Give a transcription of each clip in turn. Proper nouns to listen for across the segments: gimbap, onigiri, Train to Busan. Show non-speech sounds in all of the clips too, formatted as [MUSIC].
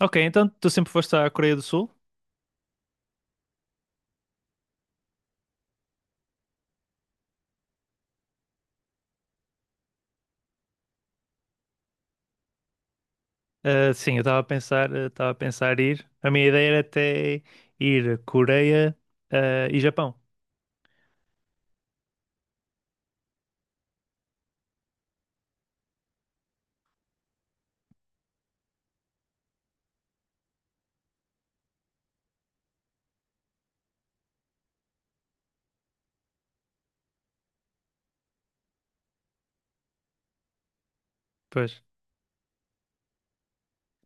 Ok, então tu sempre foste à Coreia do Sul? Ah, sim, eu estava a pensar, estava a pensar ir. A minha ideia era até ir Coreia, ah, e Japão. Pois.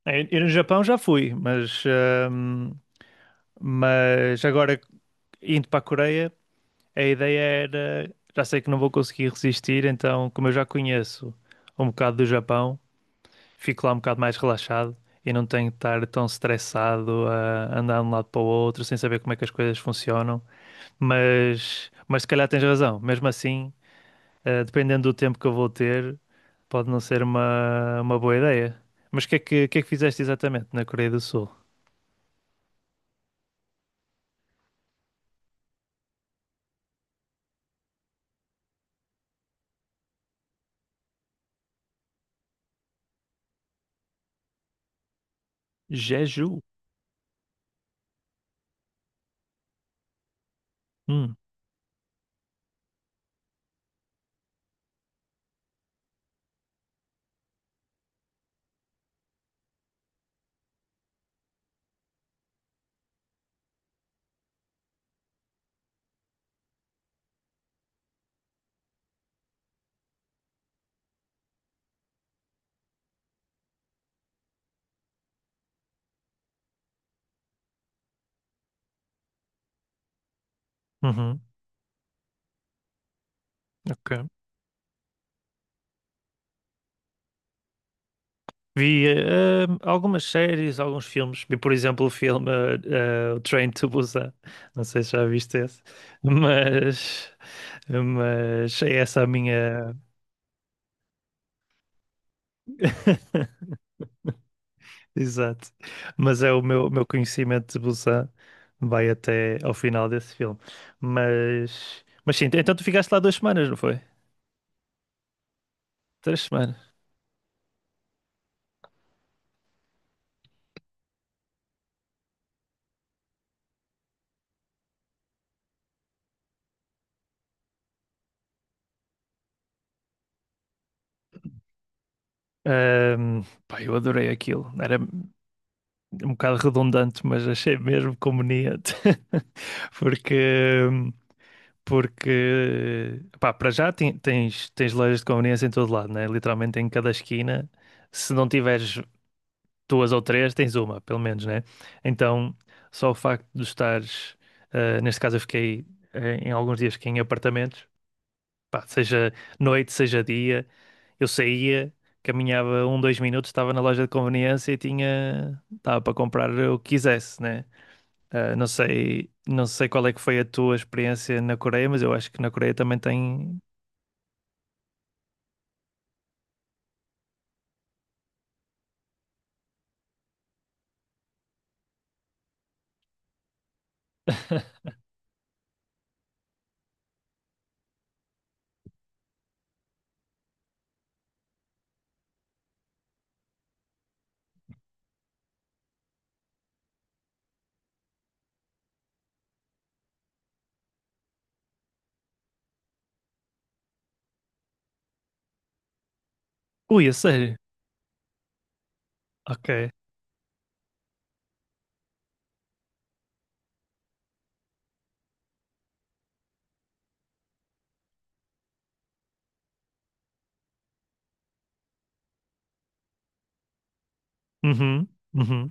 Eu no Japão já fui, mas agora indo para a Coreia, a ideia era, já sei que não vou conseguir resistir, então como eu já conheço um bocado do Japão, fico lá um bocado mais relaxado e não tenho de estar tão estressado a andar de um lado para o outro sem saber como é que as coisas funcionam. Mas se calhar tens razão. Mesmo assim, dependendo do tempo que eu vou ter, pode não ser uma boa ideia. Mas o que é que fizeste exatamente na Coreia do Sul? Jeju. Hum, uhum. Ok. Vi algumas séries, alguns filmes. Vi, por exemplo, o filme O Train to Busan. Não sei se já viste esse, mas, mas é essa a minha. [LAUGHS] Exato. Mas é o meu conhecimento de Busan vai até ao final desse filme. Mas sim, então tu ficaste lá duas semanas, não foi? Três semanas. Ahm, pá, eu adorei aquilo. Era um bocado redundante, mas achei mesmo conveniente. [LAUGHS] Porque, porque pá, para já tens lojas de conveniência em todo lado, né? Literalmente em cada esquina. Se não tiveres duas ou três, tens uma, pelo menos, né? Então, só o facto de estares, neste caso eu fiquei em alguns dias aqui em apartamentos, pá, seja noite, seja dia, eu saía, caminhava um, dois minutos, estava na loja de conveniência e estava para comprar o que quisesse, né? Não sei qual é que foi a tua experiência na Coreia, mas eu acho que na Coreia também tem. [LAUGHS] Ui, a sério? Ok. Uhum, uhum.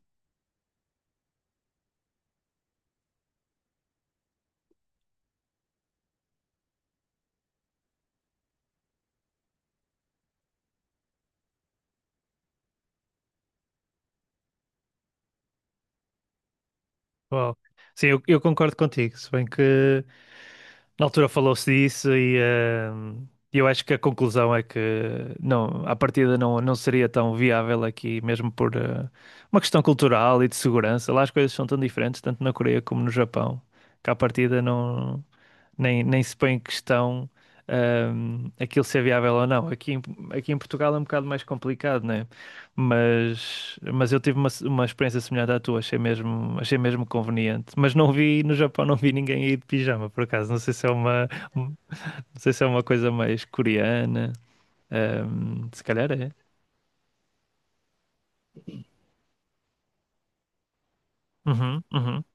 Uau. Sim, eu concordo contigo, se bem que na altura falou-se disso e eu acho que a conclusão é que não, à partida não, não seria tão viável aqui, mesmo por uma questão cultural e de segurança. Lá as coisas são tão diferentes, tanto na Coreia como no Japão, que à partida nem se põe em questão aquilo ser viável ou não. Aqui em Portugal é um bocado mais complicado, né? Mas eu tive uma experiência semelhante à tua, achei mesmo conveniente. Mas não vi, no Japão não vi ninguém aí de pijama, por acaso. Não sei se é não sei se é uma coisa mais coreana. Hum, se calhar é. Uhum, uhum.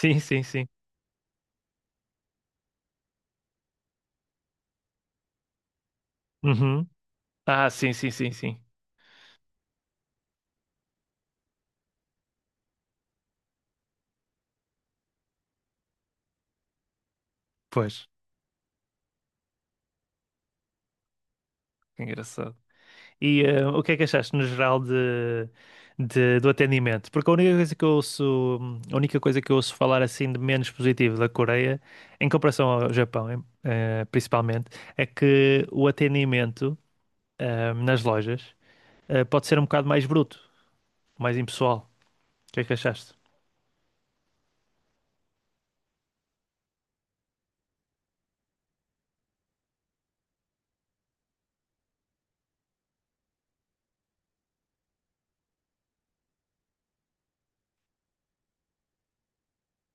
Sim, sim, sim. Uhum. Ah, sim, sim, sim, sim. Pois, que engraçado. E o que é que achaste no geral do atendimento? Porque a única coisa que eu ouço, a única coisa que eu ouço falar assim de menos positivo da Coreia, em comparação ao Japão, principalmente, é que o atendimento nas lojas pode ser um bocado mais bruto, mais impessoal. O que é que achaste?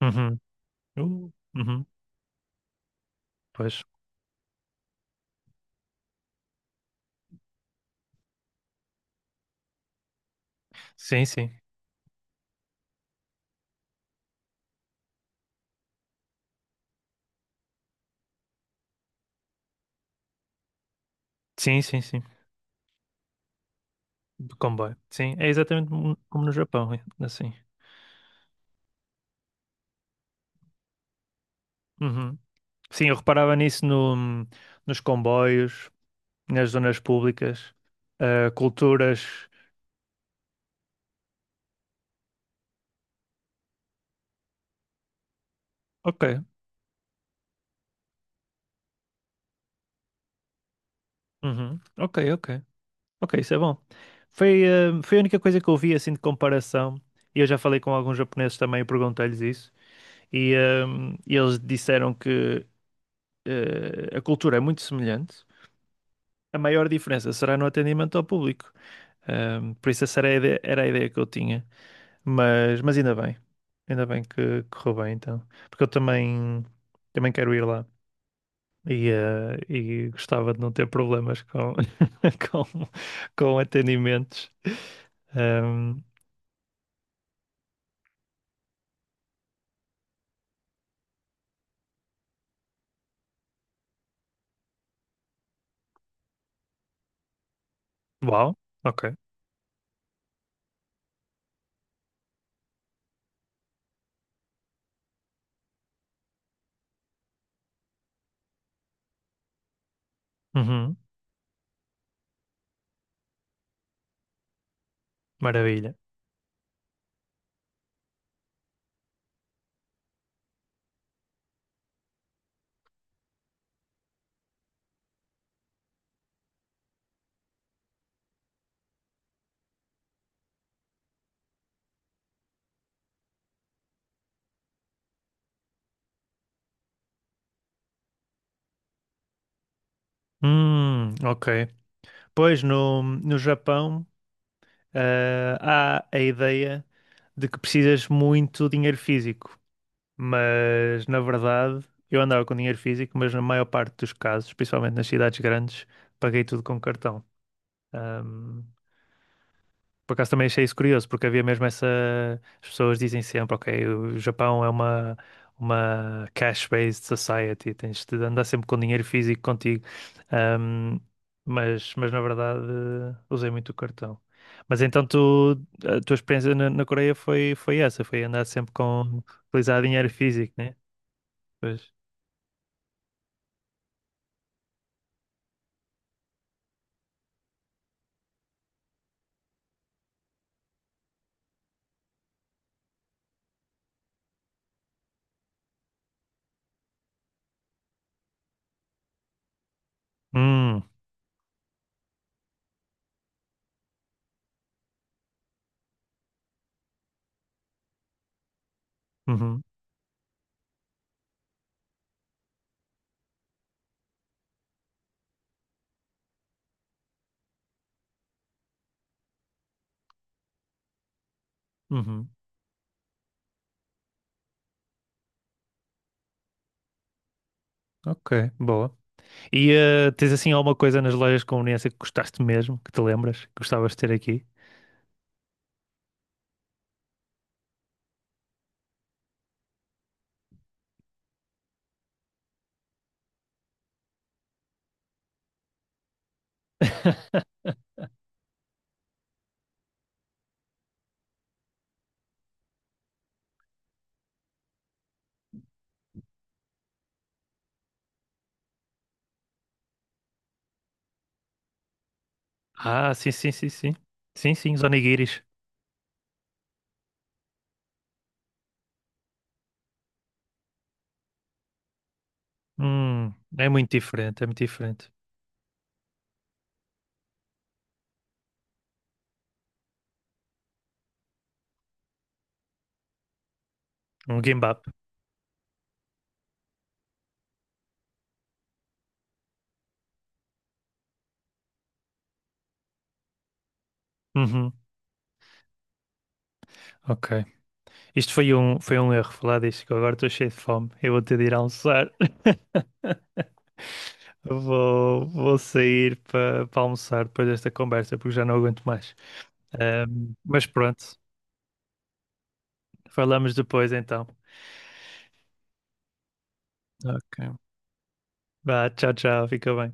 Uhum. Uhum. Pois. Sim, sim. Sim, sim, sim. Do comboio. Sim, é exatamente como no Japão, é, assim. Uhum. Sim, eu reparava nisso no, nos comboios, nas zonas públicas, ah, culturas. Ok, uhum, ok, ok, ok, isso é bom. Foi, ah, foi a única coisa que eu vi assim de comparação. E eu já falei com alguns japoneses também e perguntei-lhes isso. E ah, eles disseram que ah, a cultura é muito semelhante. A maior diferença será no atendimento ao público. Ah, por isso essa era a ideia que eu tinha. Mas ainda bem. Ainda bem que correu bem, então. Porque eu também, também quero ir lá. E, e gostava de não ter problemas com, [LAUGHS] com, com atendimentos. Ahm, uau, ok. Uhum, maravilha. Ok. Pois no Japão, há a ideia de que precisas muito dinheiro físico, mas na verdade eu andava com dinheiro físico, mas na maior parte dos casos, principalmente nas cidades grandes, paguei tudo com cartão. Por acaso também achei isso curioso, porque havia mesmo essa. As pessoas dizem sempre, ok, o Japão é uma cash-based society, tens de andar sempre com dinheiro físico contigo. Ahm, mas na verdade usei muito o cartão. Mas então tu, a tua experiência na Coreia foi, foi essa, foi andar sempre com utilizar dinheiro físico, né? Pois. Hum, uhum, uhum. Ok, boa. E tens assim alguma coisa nas lojas de conveniência que gostaste mesmo, que te lembras, que gostavas de ter aqui? Ah, sim, sim, sim, sim. Sim, sim, os onigiris. Hum, é muito diferente, é muito diferente. Um gimbap. Uhum, ok. Isto foi um erro falar disto, que eu agora estou cheio de fome. Eu vou ter de ir almoçar. [LAUGHS] Vou, vou sair para almoçar depois desta conversa, porque já não aguento mais. Mas pronto, falamos depois então. Ok. Vá, tchau, tchau, fica bem.